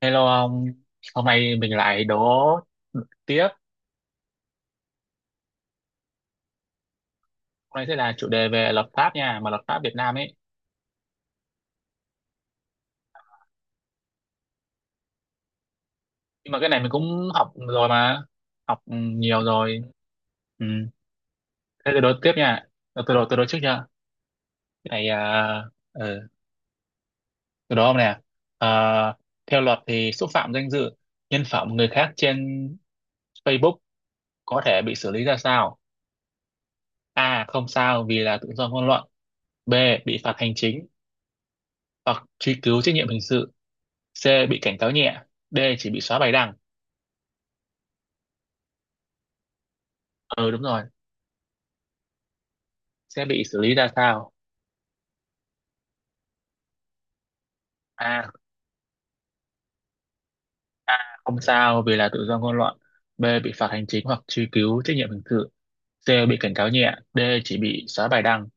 Hello ông, hôm nay mình lại đố tiếp. Hôm nay sẽ là chủ đề về luật pháp nha, mà luật pháp Việt Nam ấy. Nhưng mà cái này mình cũng học rồi mà, học nhiều rồi. Ừ. Thế tôi đố tiếp nha. Tôi đố trước nha. Cái này, ừ, tôi đố ông nè. À, Theo luật thì xúc phạm danh dự, nhân phẩm người khác trên Facebook có thể bị xử lý ra sao? A. Không sao vì là tự do ngôn luận. B. Bị phạt hành chính hoặc truy cứu trách nhiệm hình sự. C bị cảnh cáo nhẹ. D chỉ bị xóa bài đăng. Ừ đúng rồi. Sẽ bị xử lý ra sao? A không sao vì là tự do ngôn luận, B bị phạt hành chính hoặc truy cứu trách nhiệm hình sự, C bị cảnh cáo nhẹ, D chỉ bị xóa bài đăng.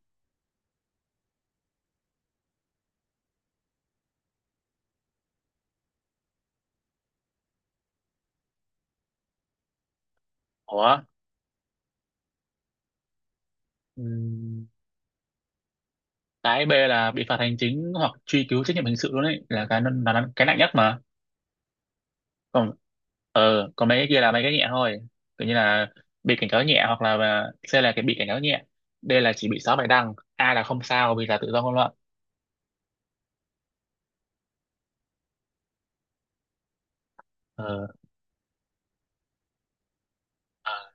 Ủa? ừm, cái B là bị phạt hành chính hoặc truy cứu trách nhiệm hình sự luôn ấy, là cái nặng nhất mà. Còn còn mấy cái kia là mấy cái nhẹ thôi, kiểu như là bị cảnh cáo nhẹ hoặc là C là cái bị cảnh cáo nhẹ, D là chỉ bị xóa bài đăng, A là không sao vì là tự do ngôn luận. Ờ ờ.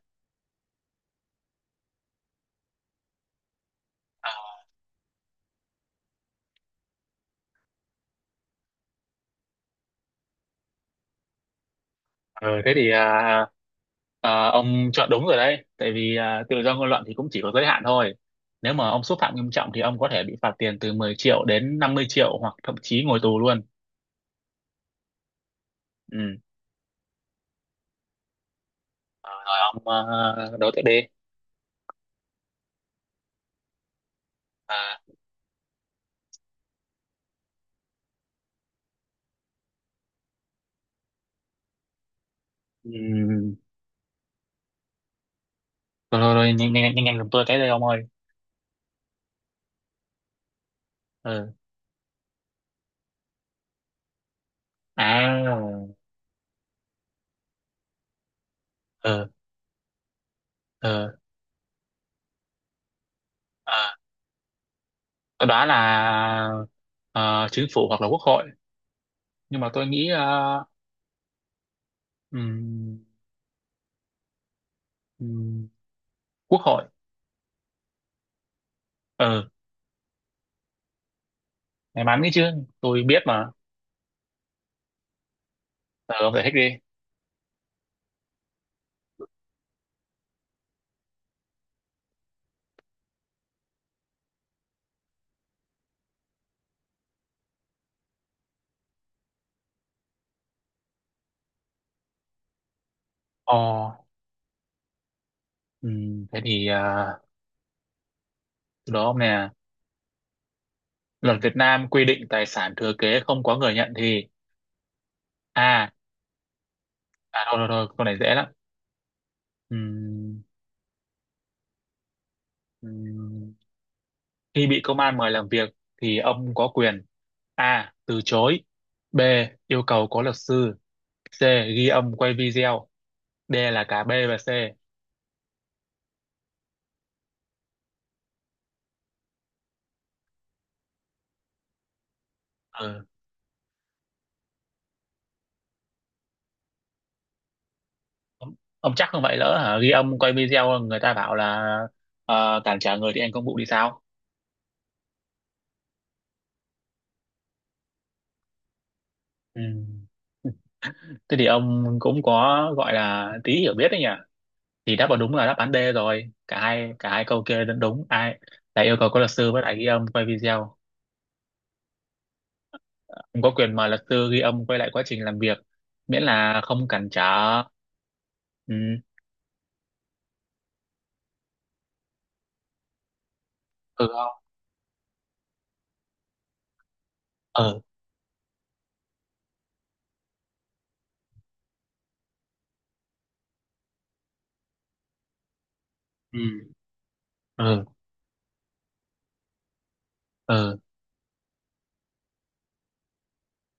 Ờ, thế thì à, à, Ông chọn đúng rồi đấy, tại vì tự do ngôn luận thì cũng chỉ có giới hạn thôi. Nếu mà ông xúc phạm nghiêm trọng thì ông có thể bị phạt tiền từ 10 triệu đến 50 triệu hoặc thậm chí ngồi tù luôn. Ừ. Ờ, rồi ông đối tiếp đi. à, ừ. Rồi, rồi, rồi nhanh nhanh nhanh nhanh giùm tôi cái đây ông ơi. Ừ. À. Ừ. Ừ. À, tôi đoán là chính phủ hoặc là quốc hội, nhưng mà tôi nghĩ ừm, ừm, quốc hội. Ừ. May mắn ấy chứ, tôi biết mà. Ờ, ông giải thích đi. Ờ, ừ, thế thì à, Từ đó ông nè. Luật Việt Nam quy định tài sản thừa kế không có người nhận thì... À, à thôi thôi thôi, câu này dễ lắm. Ừm, ừm, Khi bị công an mời làm việc thì ông có quyền A. Từ chối, B. Yêu cầu có luật sư, C. Ghi âm quay video, D là cả B và C. Ừ. Ông, ông chắc không vậy lỡ hả? Ghi âm quay video người ta bảo là cản trở người thi hành công vụ thì sao? Ừ. Thế thì ông cũng có gọi là tí hiểu biết đấy nhỉ? Thì đáp vào đúng là đáp án D rồi. Cả hai câu kia đúng, đúng. Ai là yêu cầu có luật sư với lại ghi âm quay video. Ông có quyền mời luật sư ghi âm quay lại quá trình làm việc miễn là không cản trở. Ừ. Ừ không? Ừ. Ừ. Ừ. Ừ.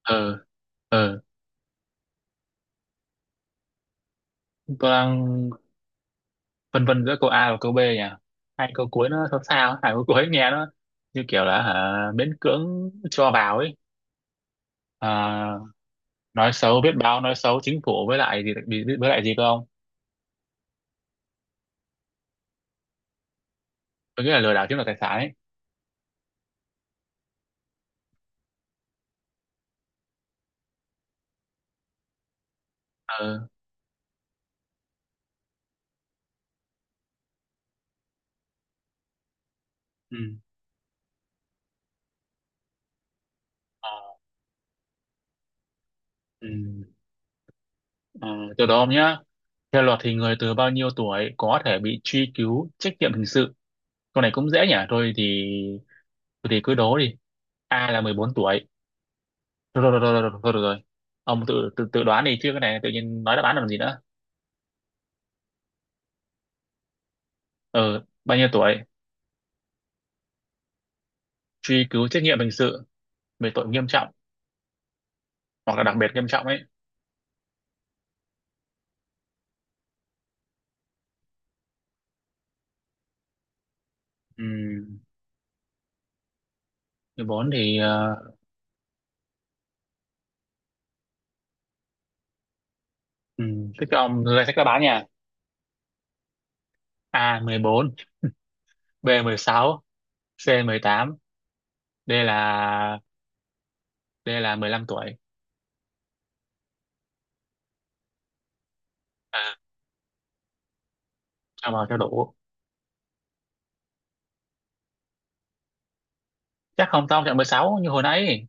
Ừ. Ừ. Tôi đang phân vân giữa câu A và câu B nhỉ? Hai câu cuối nó sao sao, hai câu cuối nghe nó như kiểu là hả, miễn cưỡng cho vào ấy. À, nói xấu biết báo nói xấu chính phủ với lại gì, với lại gì cơ ông? Tôi nghĩ là lừa đảo chiếm đoạt tài sản ấy. Ừ. Ừ. Ờ, ừ Ờ, từ đó ông nhá. Theo luật thì người từ bao nhiêu tuổi có thể bị truy cứu trách nhiệm hình sự? Câu này cũng dễ nhỉ, thôi thì cứ đố đi. A là 14 tuổi. Rồi rồi rồi rồi rồi, rồi, rồi, ông tự, tự tự đoán đi chứ cái này tự nhiên nói đáp án làm gì nữa. Ừ bao nhiêu tuổi truy cứu trách nhiệm hình sự về tội nghiêm trọng hoặc là đặc biệt nghiêm trọng ấy. Ừ 14 thì ừ, thế các ông danh sách đáp án nha. A mười bốn, B mười sáu, C mười tám, D là D là 15 tuổi. À, cho vào cho đủ. Chắc không, tao chọn 16 như hồi nãy.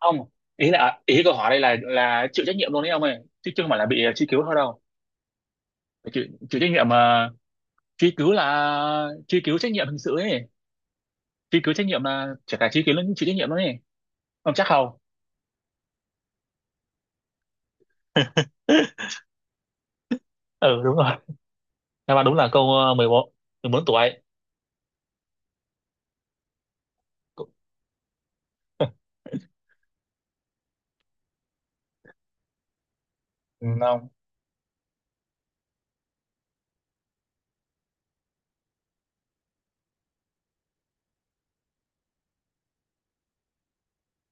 Không, ý là ý câu hỏi đây là chịu trách nhiệm luôn đấy ông ơi, chứ chứ không phải là bị truy cứu thôi đâu. Phải chịu, chịu trách nhiệm mà. Truy cứu là truy cứu trách nhiệm hình sự ấy. Truy cứu trách nhiệm là chả cả truy cứu lẫn chịu trách nhiệm luôn ấy. Ông chắc không? Ừ đúng rồi. Đáp án đúng là câu mười bốn, mười bốn tuổi. Ừ, không.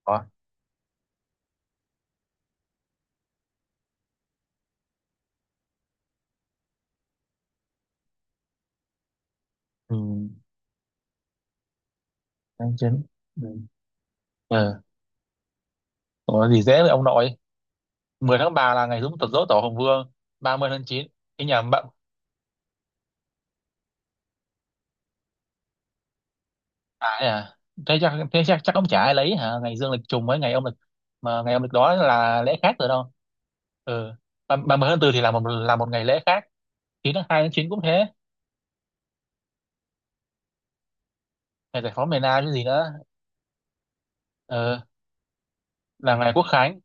Ủa? Ừ. Tháng chín. Ừ. Ờ có gì dễ vậy ông nội. 10 tháng 3 là ngày đúng tật dỗ tổ Hùng Vương, 30 tháng 9 cái nhà bạn. Phải à? Thế chắc thế chắc chắc ông chả ai lấy hả ngày dương lịch trùng với ngày âm lịch, mà ngày âm lịch đó là lễ khác rồi đâu. Ừ ba mươi tháng tư thì là một ngày lễ khác. Chín tháng hai, tháng 9 cũng thế. Ngày giải phóng miền Nam cái gì nữa. Ừ là ngày Quốc Khánh.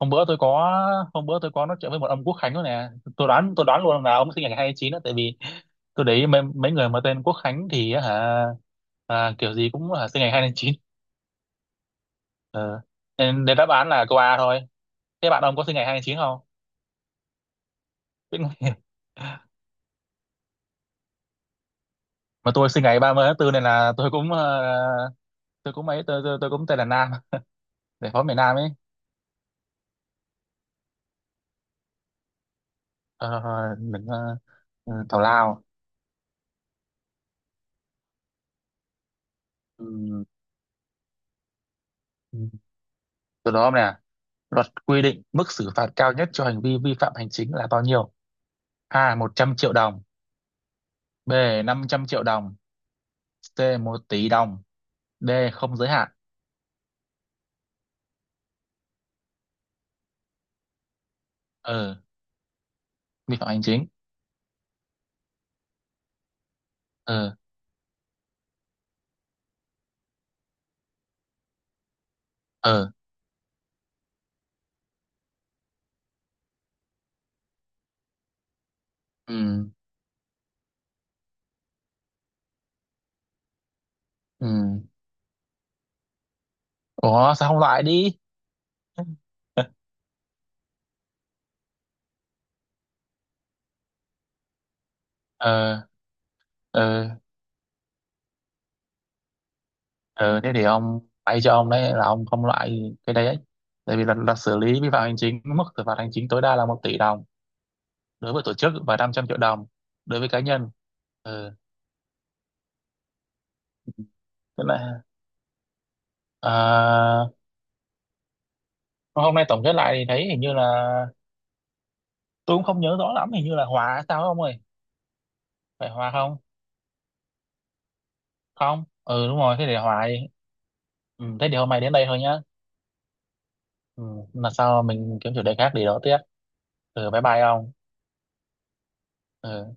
Hôm bữa tôi có hôm bữa tôi có nói chuyện với một ông Quốc Khánh đó nè. Tôi đoán luôn là ông sinh ngày 29 đó, tại vì tôi để ý mấy người mà tên Quốc Khánh thì á hả, à, kiểu gì cũng hả sinh ngày 2 tháng chín. Ờ. Nên để đáp án là câu A thôi. Thế bạn ông có sinh ngày hai tháng chín không? Biết ngay. Mà tôi sinh ngày 30 tháng tư nên là tôi cũng tôi cũng tên là Nam, để phó miền Nam ấy. Ờ, đừng ờ, ờ, Tào lao. Ừ. Ừ. Từ đó nè, luật quy định mức xử phạt cao nhất cho hành vi vi phạm hành chính là bao nhiêu? A 100 triệu đồng, B 500 triệu đồng, C một tỷ đồng, D không giới hạn. Ờ vi phạm hành chính. Ờ. Ờ. Ừ. Ừ. Ủa sao không loại đi? Ờ. Ờ. Ờ thế thì ông bay cho ông đấy là ông không loại cái đấy ấy. Tại vì là xử lý vi phạm hành chính mức xử phạt hành chính tối đa là một tỷ đồng đối với tổ chức và 500 triệu đồng đối với cá nhân. Ờ tức là à, hôm nay tổng kết lại thì thấy hình như là tôi cũng không nhớ rõ lắm, hình như là hòa hay sao không ơi? Phải hòa không? Không ừ đúng rồi, thế để hòa đi. Ừ, thế thì hôm nay đến đây thôi nhá. Ừ. Lần sau mình kiếm chủ đề khác để đó tiếp. Ừ bye bye ông. Ừ